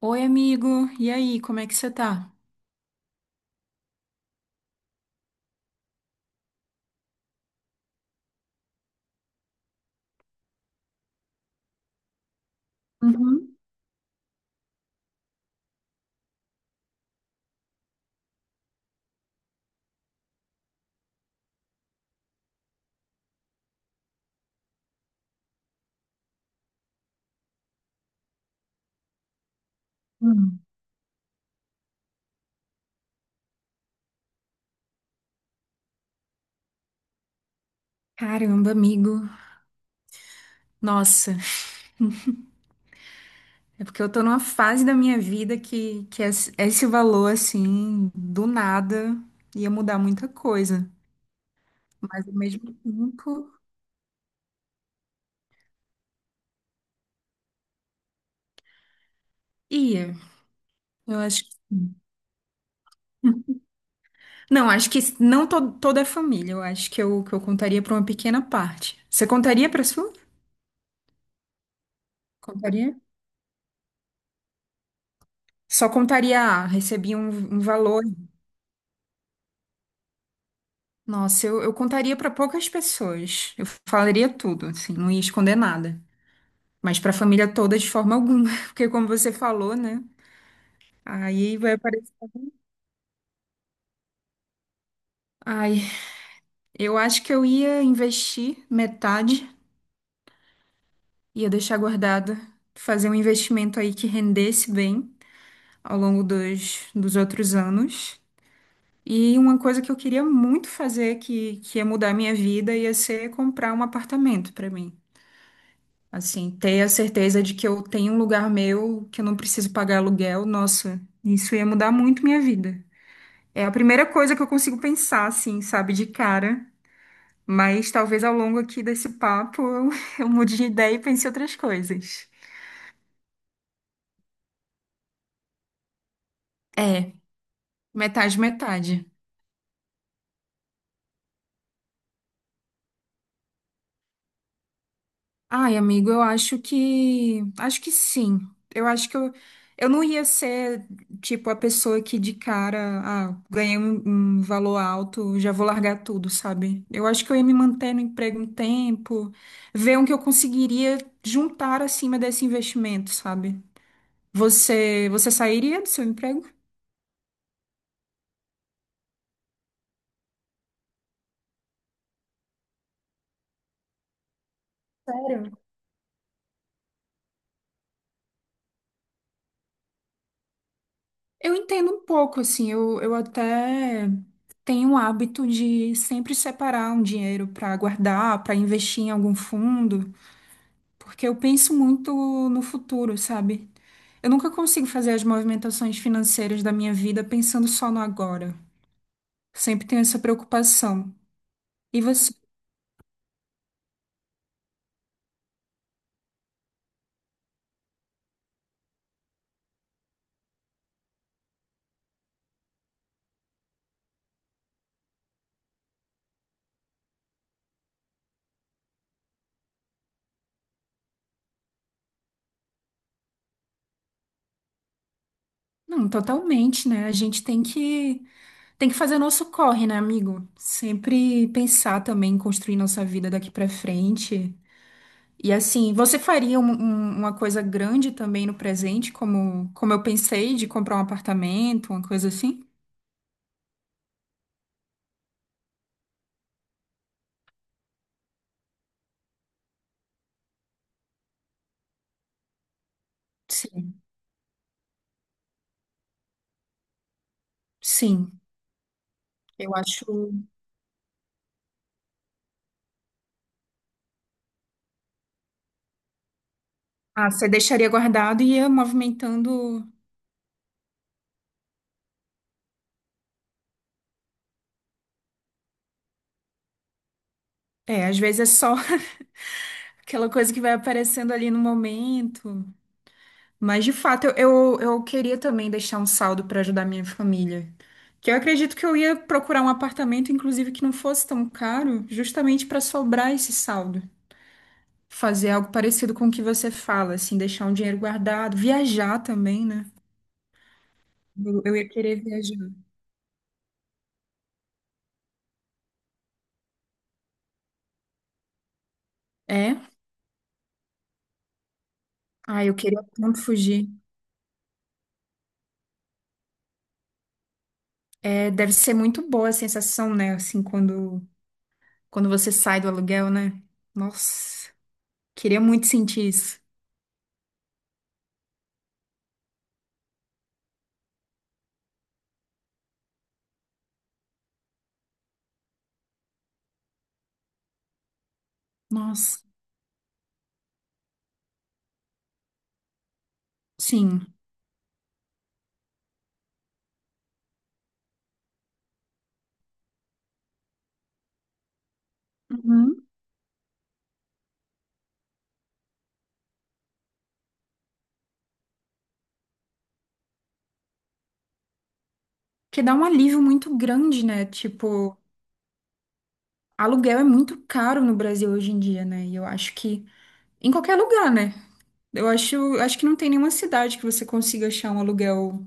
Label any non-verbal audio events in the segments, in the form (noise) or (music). Oi, amigo. E aí, como é que você tá? Uhum. Hum. Caramba, amigo. Nossa, é porque eu tô numa fase da minha vida que é esse valor, assim, do nada, ia mudar muita coisa. Mas ao mesmo tempo, ia. Eu acho que. (laughs) Não, acho que não toda a família. Eu acho que eu contaria pra uma pequena parte. Você contaria pra sua? Contaria? Só contaria, ah, recebi um, um valor. Nossa, eu contaria para poucas pessoas. Eu falaria tudo, assim, não ia esconder nada. Mas para a família toda, de forma alguma. (laughs) Porque, como você falou, né? Aí vai aparecer. Ai, eu acho que eu ia investir metade, ia deixar guardado, fazer um investimento aí que rendesse bem ao longo dos outros anos. E uma coisa que eu queria muito fazer, que ia mudar a minha vida, ia ser comprar um apartamento para mim. Assim, ter a certeza de que eu tenho um lugar meu, que eu não preciso pagar aluguel, nossa, isso ia mudar muito minha vida. É a primeira coisa que eu consigo pensar, assim, sabe, de cara. Mas talvez ao longo aqui desse papo eu, (laughs) eu mude de ideia e pense em outras coisas. É, metade, metade. Ai, amigo, eu acho que. Acho que sim. Eu acho que eu não ia ser, tipo, a pessoa que de cara, ah, ganhei um, um valor alto, já vou largar tudo, sabe? Eu acho que eu ia me manter no emprego um tempo, ver o que eu conseguiria juntar acima desse investimento, sabe? Você sairia do seu emprego? Eu entendo um pouco, assim, eu até tenho o hábito de sempre separar um dinheiro para guardar, para investir em algum fundo, porque eu penso muito no futuro, sabe? Eu nunca consigo fazer as movimentações financeiras da minha vida pensando só no agora. Sempre tenho essa preocupação. E você? Não, totalmente, né? A gente tem que fazer nosso corre, né, amigo? Sempre pensar também em construir nossa vida daqui para frente. E assim, você faria uma coisa grande também no presente, como, como eu pensei, de comprar um apartamento, uma coisa assim? Sim, sim. Eu acho. Ah, você deixaria guardado e ia movimentando. É, às vezes é só (laughs) aquela coisa que vai aparecendo ali no momento. Mas, de fato, eu queria também deixar um saldo para ajudar minha família. Que eu acredito que eu ia procurar um apartamento, inclusive, que não fosse tão caro, justamente para sobrar esse saldo. Fazer algo parecido com o que você fala, assim, deixar um dinheiro guardado, viajar também, né? Eu ia querer viajar. É? Ah, eu queria tanto fugir. É, deve ser muito boa a sensação, né? Assim, quando você sai do aluguel, né? Nossa, queria muito sentir isso. Nossa, sim. Uhum. Que dá um alívio muito grande, né? Tipo, aluguel é muito caro no Brasil hoje em dia, né? E eu acho que em qualquer lugar, né? Eu acho, acho que não tem nenhuma cidade que você consiga achar um aluguel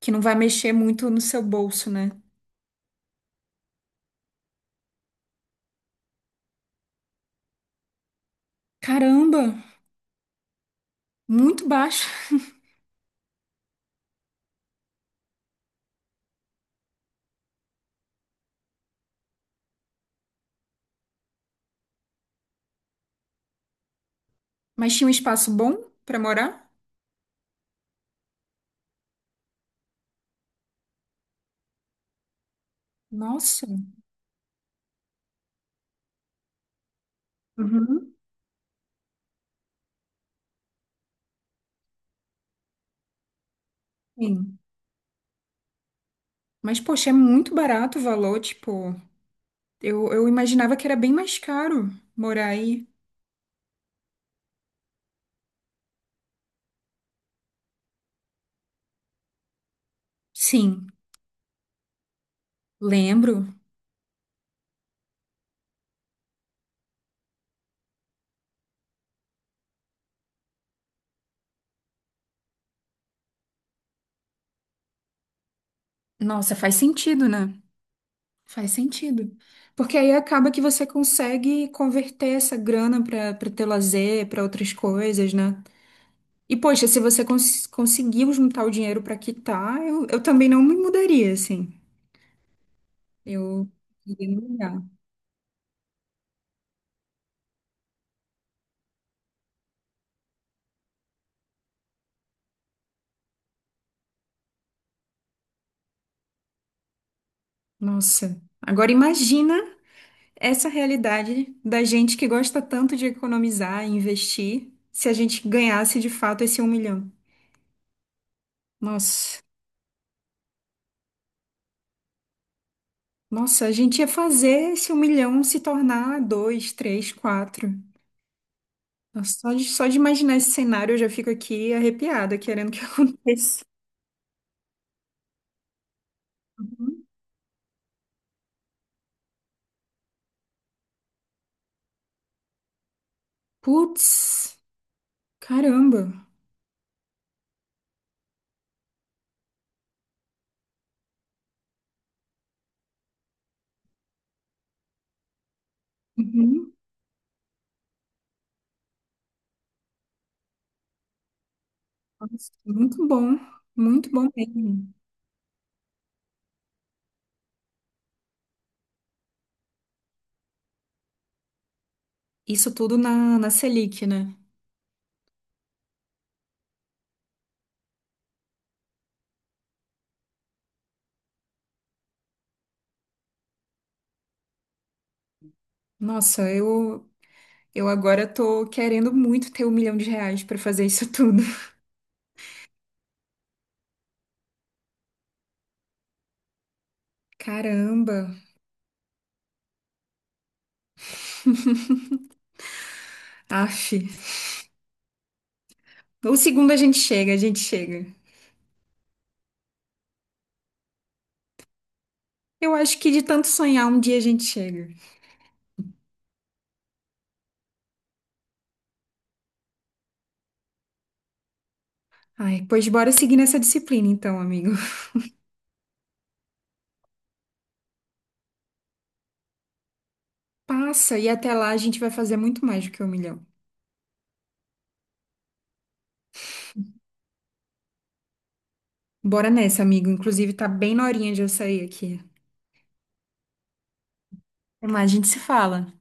que não vai mexer muito no seu bolso, né? Caramba, muito baixo. Mas tinha um espaço bom pra morar? Nossa. Uhum. Sim. Mas, poxa, é muito barato o valor, tipo, eu imaginava que era bem mais caro morar aí. Sim, lembro. Nossa, faz sentido, né? Faz sentido. Porque aí acaba que você consegue converter essa grana para teu lazer, para outras coisas, né? E, poxa, se você conseguiu juntar o dinheiro para quitar, eu também não me mudaria, assim. Eu iria me mudar. Nossa. Agora imagina essa realidade da gente que gosta tanto de economizar e investir, se a gente ganhasse de fato esse um milhão. Nossa. Nossa, a gente ia fazer esse um milhão se tornar dois, três, quatro. Nossa, só de imaginar esse cenário eu já fico aqui arrepiada, querendo que (laughs) aconteça. Uhum. Putz, caramba. Uhum. Nossa, muito bom, muito bom mesmo. Isso tudo na Selic, né? Nossa, eu agora tô querendo muito ter um milhão de reais pra fazer isso tudo. (laughs) Caramba, aff. O segundo a gente chega, a gente chega. Eu acho que de tanto sonhar, um dia a gente chega. Ai, pois bora seguir nessa disciplina então, amigo. (laughs) Passa e até lá a gente vai fazer muito mais do que um milhão. Bora nessa, amigo. Inclusive, tá bem na horinha de eu sair aqui. Até mais, a gente se fala.